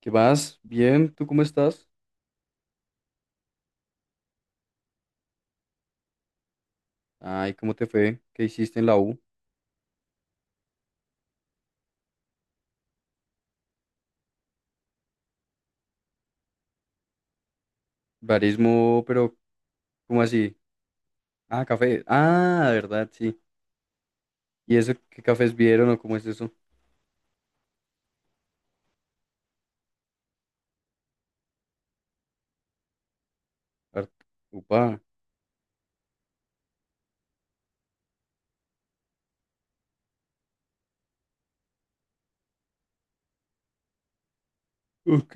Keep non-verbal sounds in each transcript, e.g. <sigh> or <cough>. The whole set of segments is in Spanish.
¿Qué más? Bien, ¿tú cómo estás? Ay, ¿cómo te fue? ¿Qué hiciste en la U? Barismo, pero ¿cómo así? Ah, café. Ah, verdad, sí. ¿Y eso qué cafés vieron o cómo es eso? Art- Upa. Ok,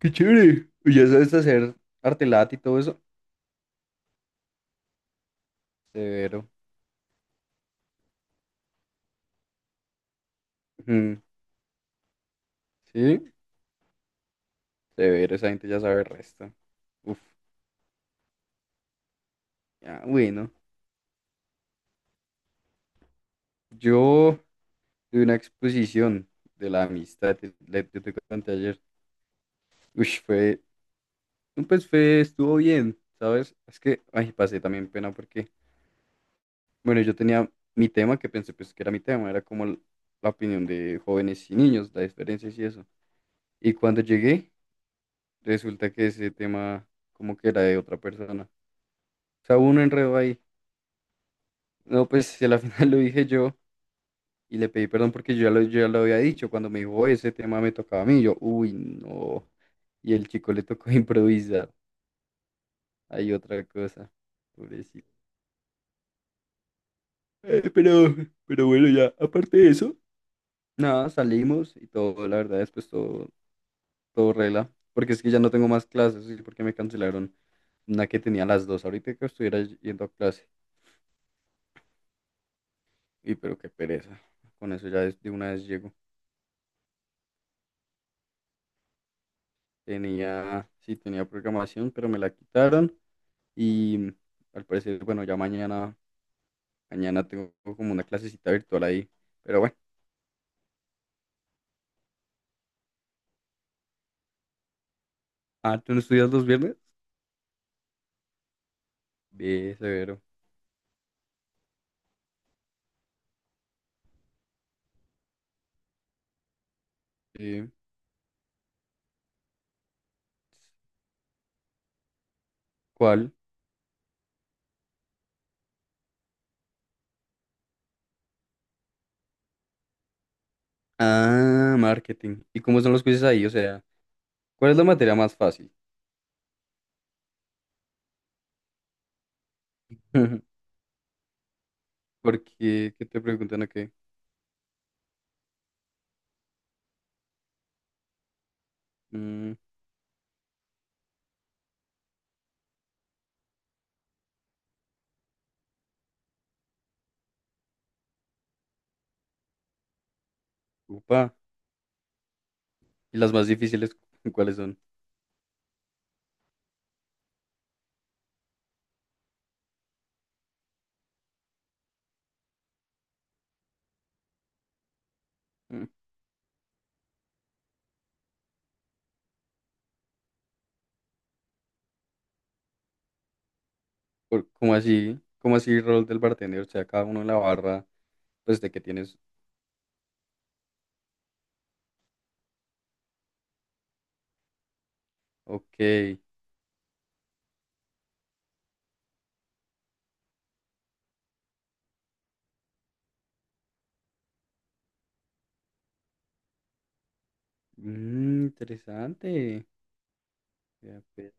qué chévere. ¿Y ya sabes hacer arte lat y todo eso? Severo. Ujú, sí, severo, esa gente ya sabe el resto. Uf, ya, bueno. Yo tuve una exposición de la amistad, yo te conté ayer. Uy, fue no, pues fue, estuvo bien, ¿sabes? Es que, ay, pasé también pena porque, bueno, yo tenía mi tema que pensé pues que era mi tema, era como la opinión de jóvenes y niños, las diferencias y eso. Y cuando llegué, resulta que ese tema como que era de otra persona. O sea, hubo un enredo ahí. No, pues si a la <laughs> final lo dije yo y le pedí perdón porque yo ya lo había dicho. Cuando me dijo, "Oh, ese tema me tocaba a mí", yo, uy, no. Y el chico le tocó <laughs> improvisar. Hay otra cosa, pobrecito. Eh, pero, pero bueno, ya, aparte de eso, nada, salimos y todo, la verdad, después todo, todo regla. Porque es que ya no tengo más clases y porque me cancelaron una que tenía a las dos. Ahorita que estuviera yendo a clase. Y pero qué pereza. Con eso ya de una vez llego. Tenía, sí, tenía programación, pero me la quitaron. Y al parecer, bueno, ya mañana tengo como una clasecita virtual ahí. Pero bueno. Ah, ¿tú no estudias los viernes? Bien, severo. Sí. ¿Cuál? Ah, marketing. ¿Y cómo son los quizzes ahí? O sea, ¿cuál es la materia más fácil? <laughs> Porque, ¿qué te preguntan a qué? Mm, upa. ¿Y las más difíciles <laughs> cuáles son? Mm, ¿Cómo así? ¿Cómo así rol del bartender? O sea, cada uno en la barra, pues de que tienes. Ok. Mm, interesante. Vea, pues.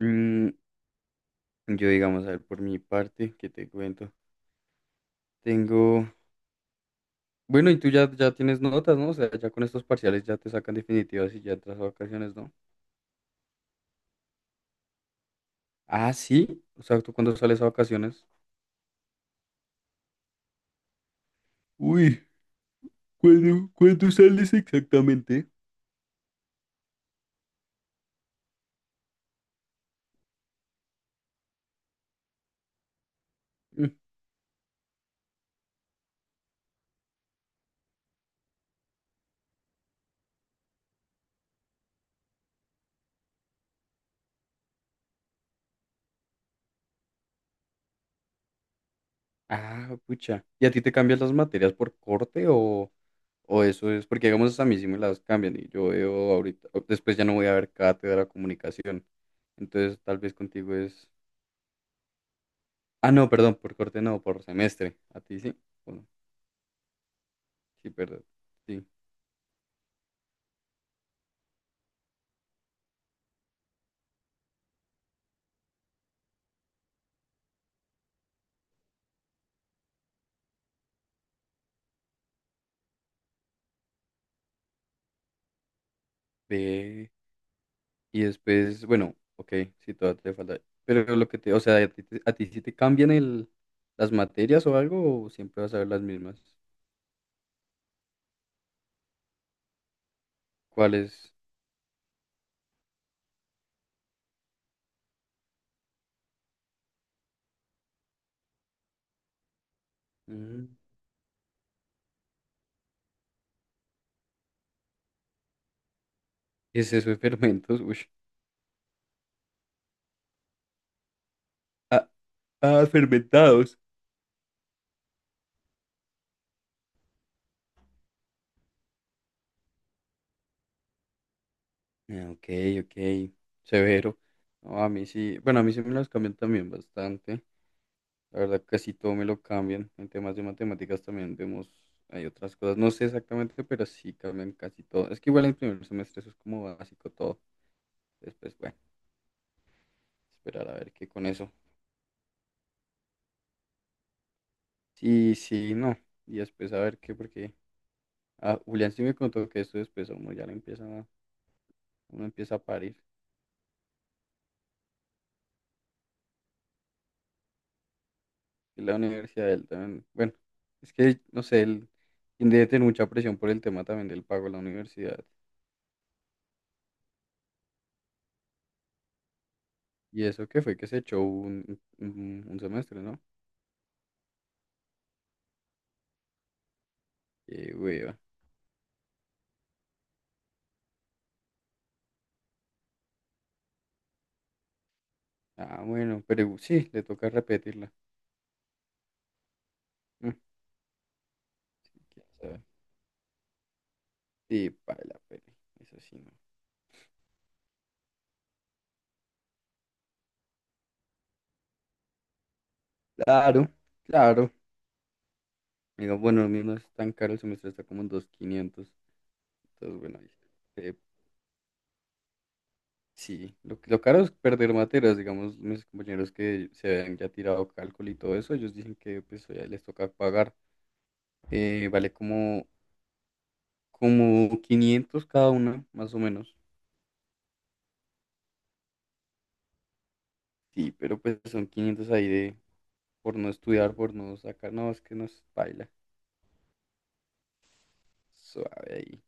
Mm, yo digamos, a ver, por mi parte, ¿qué te cuento? Tengo. Bueno, y tú ya tienes notas, ¿no? O sea, ya con estos parciales ya te sacan definitivas y ya entras a vacaciones, ¿no? Ah, sí. O sea, ¿tú cuándo sales a vacaciones? Uy, ¿cuándo sales exactamente? Mm. Ah, pucha. ¿Y a ti te cambian las materias por corte o eso es? Porque digamos a mí sí me las cambian y yo veo ahorita, después ya no voy a ver cátedra de comunicación. Entonces tal vez contigo es... Ah, no, perdón, por corte no, por semestre. A ti sí. Bueno, sí, perdón. Sí. Ve. Y después, bueno, ok, sí, todavía te falta. Pero lo que te, o sea, ¿a ti sí te cambian las materias o algo o siempre vas a ver las mismas? ¿Cuáles? Mm, ¿Qué es eso de fermentos? Uy. Ah, ah, fermentados. Ah, ok, ok, severo. No, a mí sí, bueno, a mí sí me las cambian también bastante. La verdad, casi todo me lo cambian. En temas de matemáticas también vemos, hay otras cosas, no sé exactamente, pero sí cambian casi todo. Es que igual en primer semestre eso es como básico todo. Después, bueno. Esperar a ver qué con eso. Sí, sí, no. Y después a ver qué, porque Julián sí me contó que esto después a uno ya lo empieza, uno empieza a parir. Y la universidad de él también, bueno, es que, no sé, él debe tener mucha presión por el tema también del pago de la universidad. Y eso que fue que se echó un semestre, ¿no? Qué hueva. Ah, bueno, pero sí, le toca repetirla. Mm, quién sabe. Sí, para la pena. Eso sí, no. Claro, claro. Digo, bueno, a mí no es tan caro el semestre, está como en 2500. Entonces, bueno, ahí, eh, sí, lo caro es perder materias. Digamos, mis compañeros que se habían ya tirado cálculo y todo eso, ellos dicen que pues ya les toca pagar. Vale como, 500 cada una, más o menos. Sí, pero pues son 500 ahí de por no estudiar, por no sacar. No, es que no es paila. Suave ahí.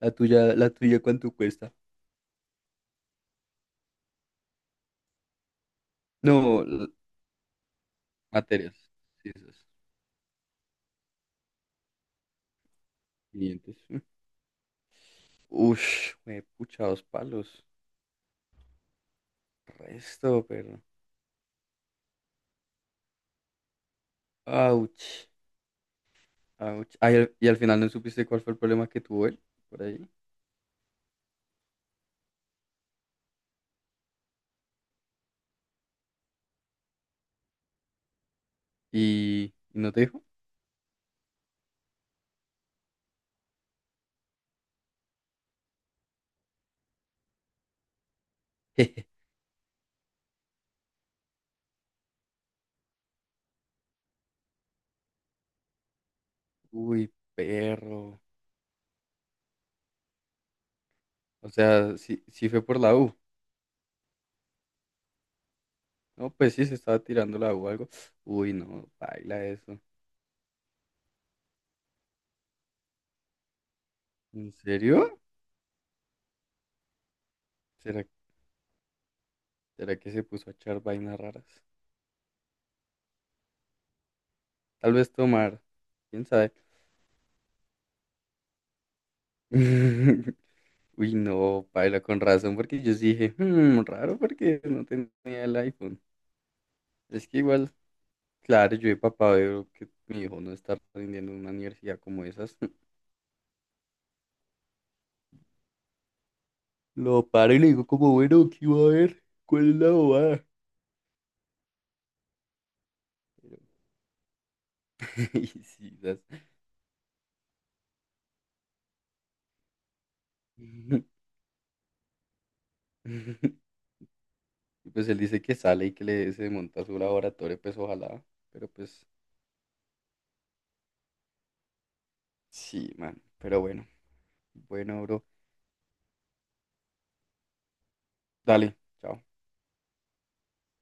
La tuya, ¿cuánto cuesta? No, materias. Sí, esas. Quinientos. Ush, me pucha dos palos. Resto, pero. Ouch, ouch. Ah, y al final no supiste cuál fue el problema que tuvo él por ahí. Y no te dijo. <laughs> Uy, perro. O sea, sí fue por la U. No, pues sí, se estaba tirando la U o algo. Uy, no, baila eso. ¿En serio? ¿Será, será que se puso a echar vainas raras? Tal vez tomar. ¿Quién sabe? <laughs> Uy, no, paila, con razón, porque yo sí dije, "Hmm, raro porque no tenía el iPhone". Es que igual, claro, yo de papá veo que mi hijo no está aprendiendo en una universidad como esas. <laughs> Lo paro y le digo como, bueno, ¿qué iba a ver? ¿Cuál es la bobada? <laughs> Y sí, das. <laughs> Y pues él dice que sale y que le se monta su laboratorio, pues ojalá. Pero pues, sí, man. Pero bueno, bueno, bro. Dale, chao.